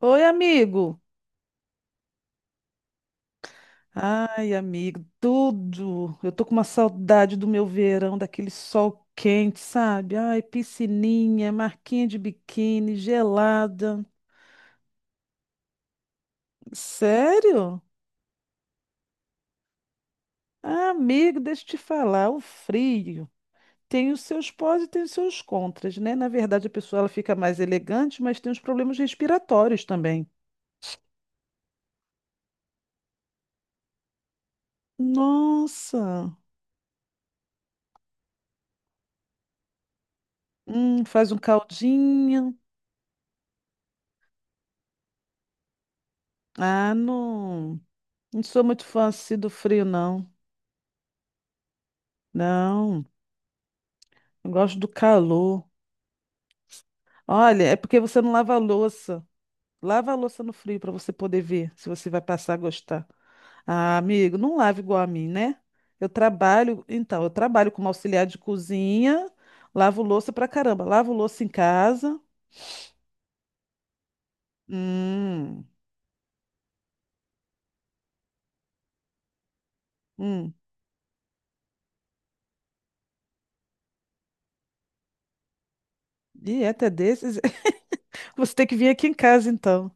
Oi, amigo. Ai, amigo, tudo. Eu tô com uma saudade do meu verão, daquele sol quente, sabe? Ai, piscininha, marquinha de biquíni, gelada. Sério? Ah, amigo, deixa eu te falar, o frio tem os seus pós e tem os seus contras, né? Na verdade, a pessoa ela fica mais elegante, mas tem os problemas respiratórios também. Nossa, faz um caldinho. Ah, não, não sou muito fã assim do frio, não. Não, eu gosto do calor. Olha, é porque você não lava a louça. Lava a louça no frio para você poder ver se você vai passar a gostar. Ah, amigo, não lava igual a mim, né? Eu trabalho, então, eu trabalho como auxiliar de cozinha, lavo louça pra caramba, lavo louça em casa. Hum, hum, dieta desses. Você tem que vir aqui em casa, então.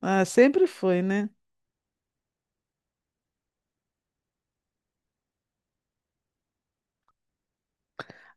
Ah, sempre foi, né?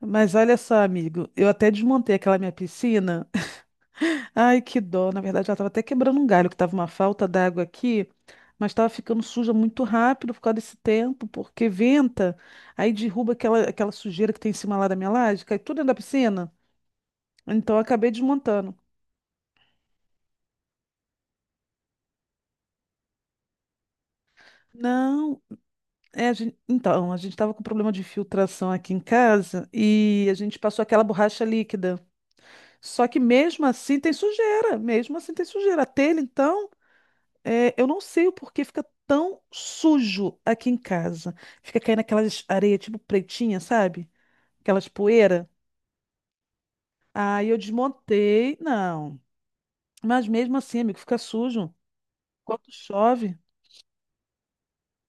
Mas olha só, amigo, eu até desmontei aquela minha piscina. Ai, que dó. Na verdade, ela estava até quebrando um galho, que estava uma falta d'água aqui, mas estava ficando suja muito rápido por causa desse tempo, porque venta, aí derruba aquela sujeira que tem em cima lá da minha laje, cai tudo dentro da piscina. Então, eu acabei desmontando. Não, é, a gente, então, a gente estava com problema de filtração aqui em casa e a gente passou aquela borracha líquida. Só que mesmo assim tem sujeira, mesmo assim tem sujeira. A telha, então. É, eu não sei o porquê fica tão sujo aqui em casa. Fica caindo aquelas areias tipo pretinha, sabe? Aquelas poeira. Aí eu desmontei. Não. Mas mesmo assim, amigo, fica sujo. Quando chove.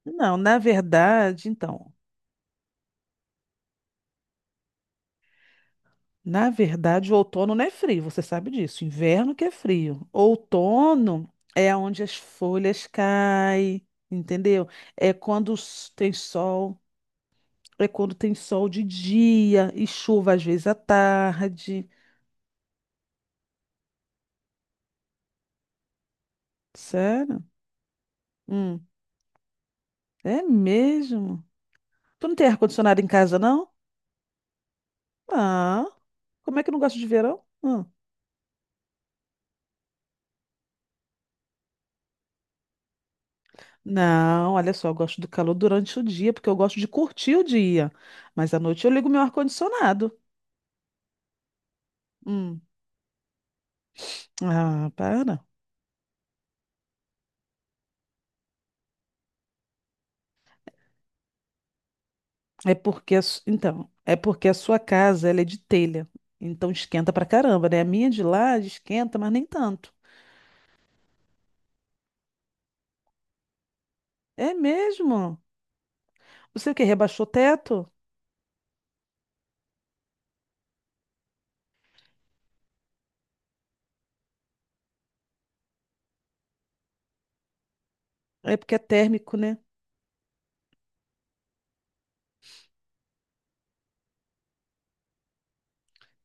Não, na verdade, então. Na verdade, o outono não é frio, você sabe disso. Inverno que é frio. Outono é onde as folhas caem, entendeu? É quando tem sol. É quando tem sol de dia e chuva às vezes à tarde. Sério? Hum, é mesmo? Tu não tem ar-condicionado em casa, não? Ah, como é que eu não gosto de verão? Hum. Não, olha só, eu gosto do calor durante o dia, porque eu gosto de curtir o dia. Mas à noite eu ligo meu ar-condicionado. Hum. Ah, para. É porque, então, é porque a sua casa, ela é de telha. Então esquenta pra caramba, né? A minha de lá esquenta, mas nem tanto. É mesmo? Você o quê? Rebaixou o teto? É porque é térmico, né?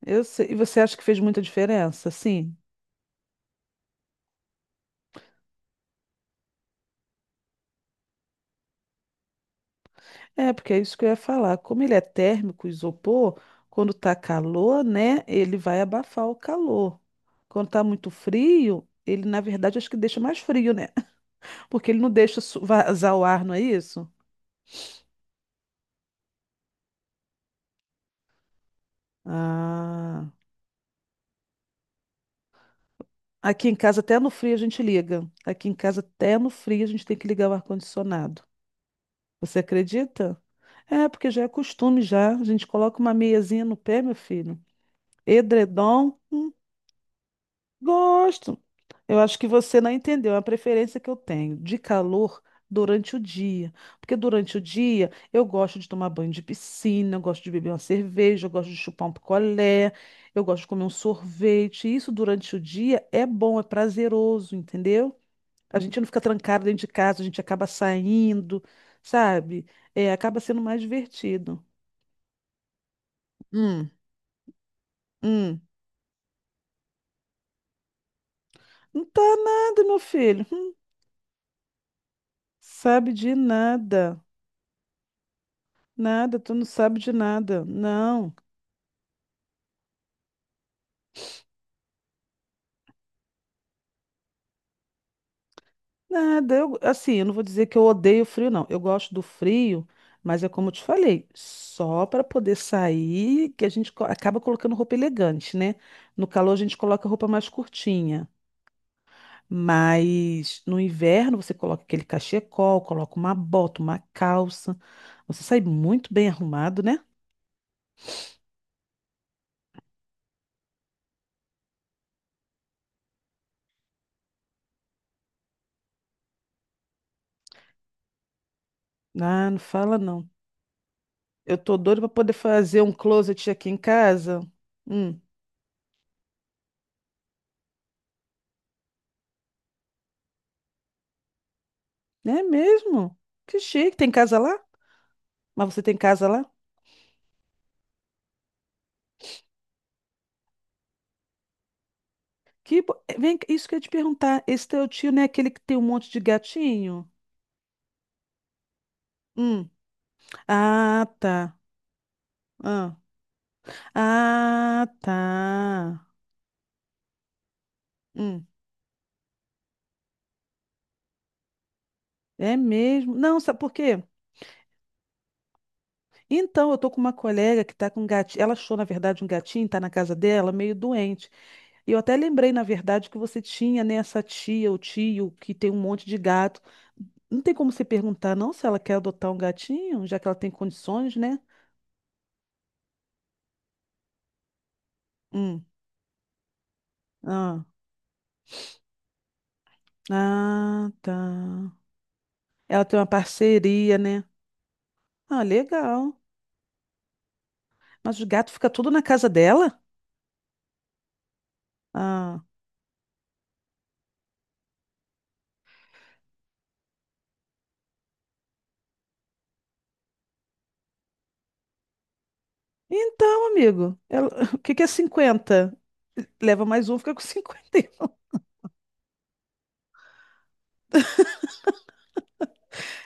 E você acha que fez muita diferença? Sim. É, porque é isso que eu ia falar. Como ele é térmico, o isopor, quando tá calor, né? Ele vai abafar o calor. Quando tá muito frio, ele, na verdade, acho que deixa mais frio, né? Porque ele não deixa vazar o ar, não é isso? Ah. Aqui em casa, até no frio, a gente liga. Aqui em casa, até no frio, a gente tem que ligar o ar-condicionado. Você acredita? É, porque já é costume já. A gente coloca uma meiazinha no pé, meu filho. Edredom, gosto. Eu acho que você não entendeu a preferência que eu tenho de calor durante o dia. Porque durante o dia eu gosto de tomar banho de piscina, eu gosto de beber uma cerveja, eu gosto de chupar um picolé, eu gosto de comer um sorvete. Isso durante o dia é bom, é prazeroso, entendeu? A gente não fica trancado dentro de casa, a gente acaba saindo, sabe? É, acaba sendo mais divertido. Hum, hum. Não tá nada, meu filho. Sabe de nada. Nada, tu não sabe de nada. Não, nada. Eu, assim, eu não vou dizer que eu odeio frio, não. Eu gosto do frio, mas é como eu te falei, só para poder sair que a gente acaba colocando roupa elegante, né? No calor a gente coloca roupa mais curtinha. Mas no inverno você coloca aquele cachecol, coloca uma bota, uma calça. Você sai muito bem arrumado, né? Ah, não fala não. Eu tô doida pra poder fazer um closet aqui em casa. Hum, é mesmo? Que chique. Tem casa lá? Mas você tem casa lá? Vem cá, isso que eu ia te perguntar. Esse teu tio não é aquele que tem um monte de gatinho? Hum. Ah, tá. Ah, ah, tá. Hum. É mesmo? Não, sabe por quê? Então, eu tô com uma colega que tá com um gatinho. Ela achou, na verdade, um gatinho, tá na casa dela, meio doente. E eu até lembrei, na verdade, que você tinha, né, essa tia ou tio que tem um monte de gato. Não tem como você perguntar, não, se ela quer adotar um gatinho, já que ela tem condições, né? Hum. Ah. Ah, tá. Ela tem uma parceria, né? Ah, legal. Mas o gato fica tudo na casa dela? Ah. Então, amigo, o que que é 50? Leva mais um, fica com 50.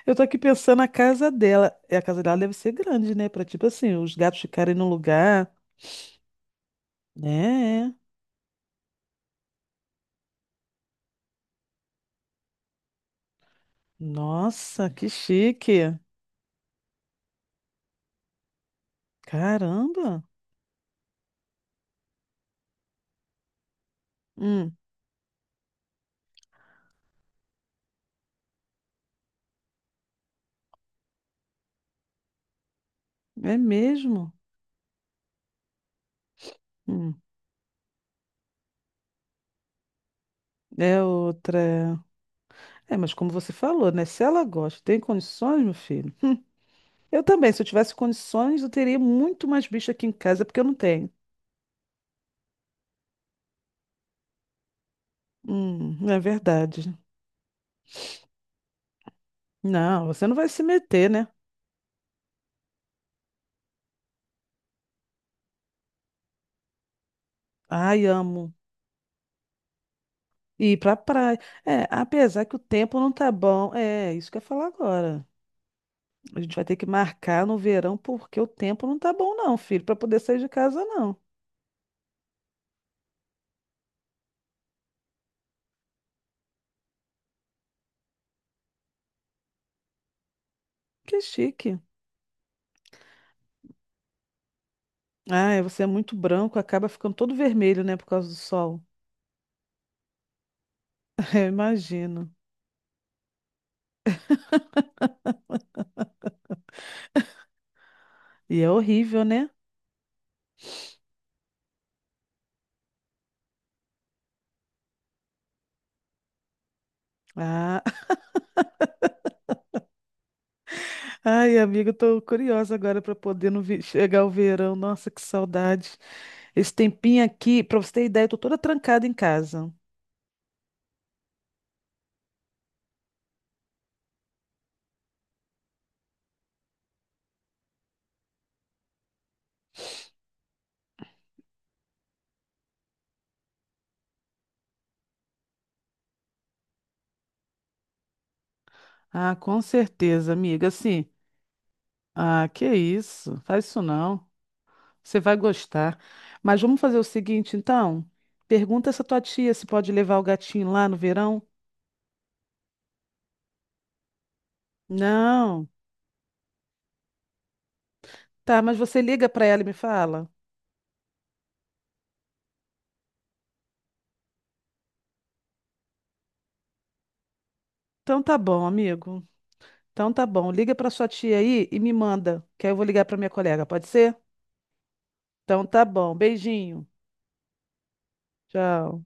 Eu tô aqui pensando na casa dela. E a casa dela deve ser grande, né? Pra, tipo assim, os gatos ficarem no lugar. É, é. Nossa, que chique. Caramba. Hum, é mesmo. Hum, é outra. É, mas como você falou, né? Se ela gosta, tem condições, meu filho. Eu também, se eu tivesse condições, eu teria muito mais bicho aqui em casa, porque eu não tenho. É verdade. Não, você não vai se meter, né? Ai, amo. Ir pra praia. É, apesar que o tempo não tá bom. É, isso que eu ia falar agora. A gente vai ter que marcar no verão porque o tempo não tá bom, não, filho, pra poder sair de casa, não. Que chique. Ah, é, você é muito branco, acaba ficando todo vermelho, né, por causa do sol. Eu imagino. E é horrível, né? Ah, ai, amiga, eu tô curiosa agora pra poder no vi- chegar o verão. Nossa, que saudade. Esse tempinho aqui, pra você ter ideia, eu tô toda trancada em casa. Ah, com certeza, amiga. Assim. Ah, que isso? Faz isso não. Você vai gostar. Mas vamos fazer o seguinte, então. Pergunta essa tua tia se pode levar o gatinho lá no verão. Não. Tá, mas você liga pra ela e me fala? Então tá bom, amigo. Então tá bom. Liga pra sua tia aí e me manda, que aí eu vou ligar pra minha colega, pode ser? Então tá bom. Beijinho. Tchau.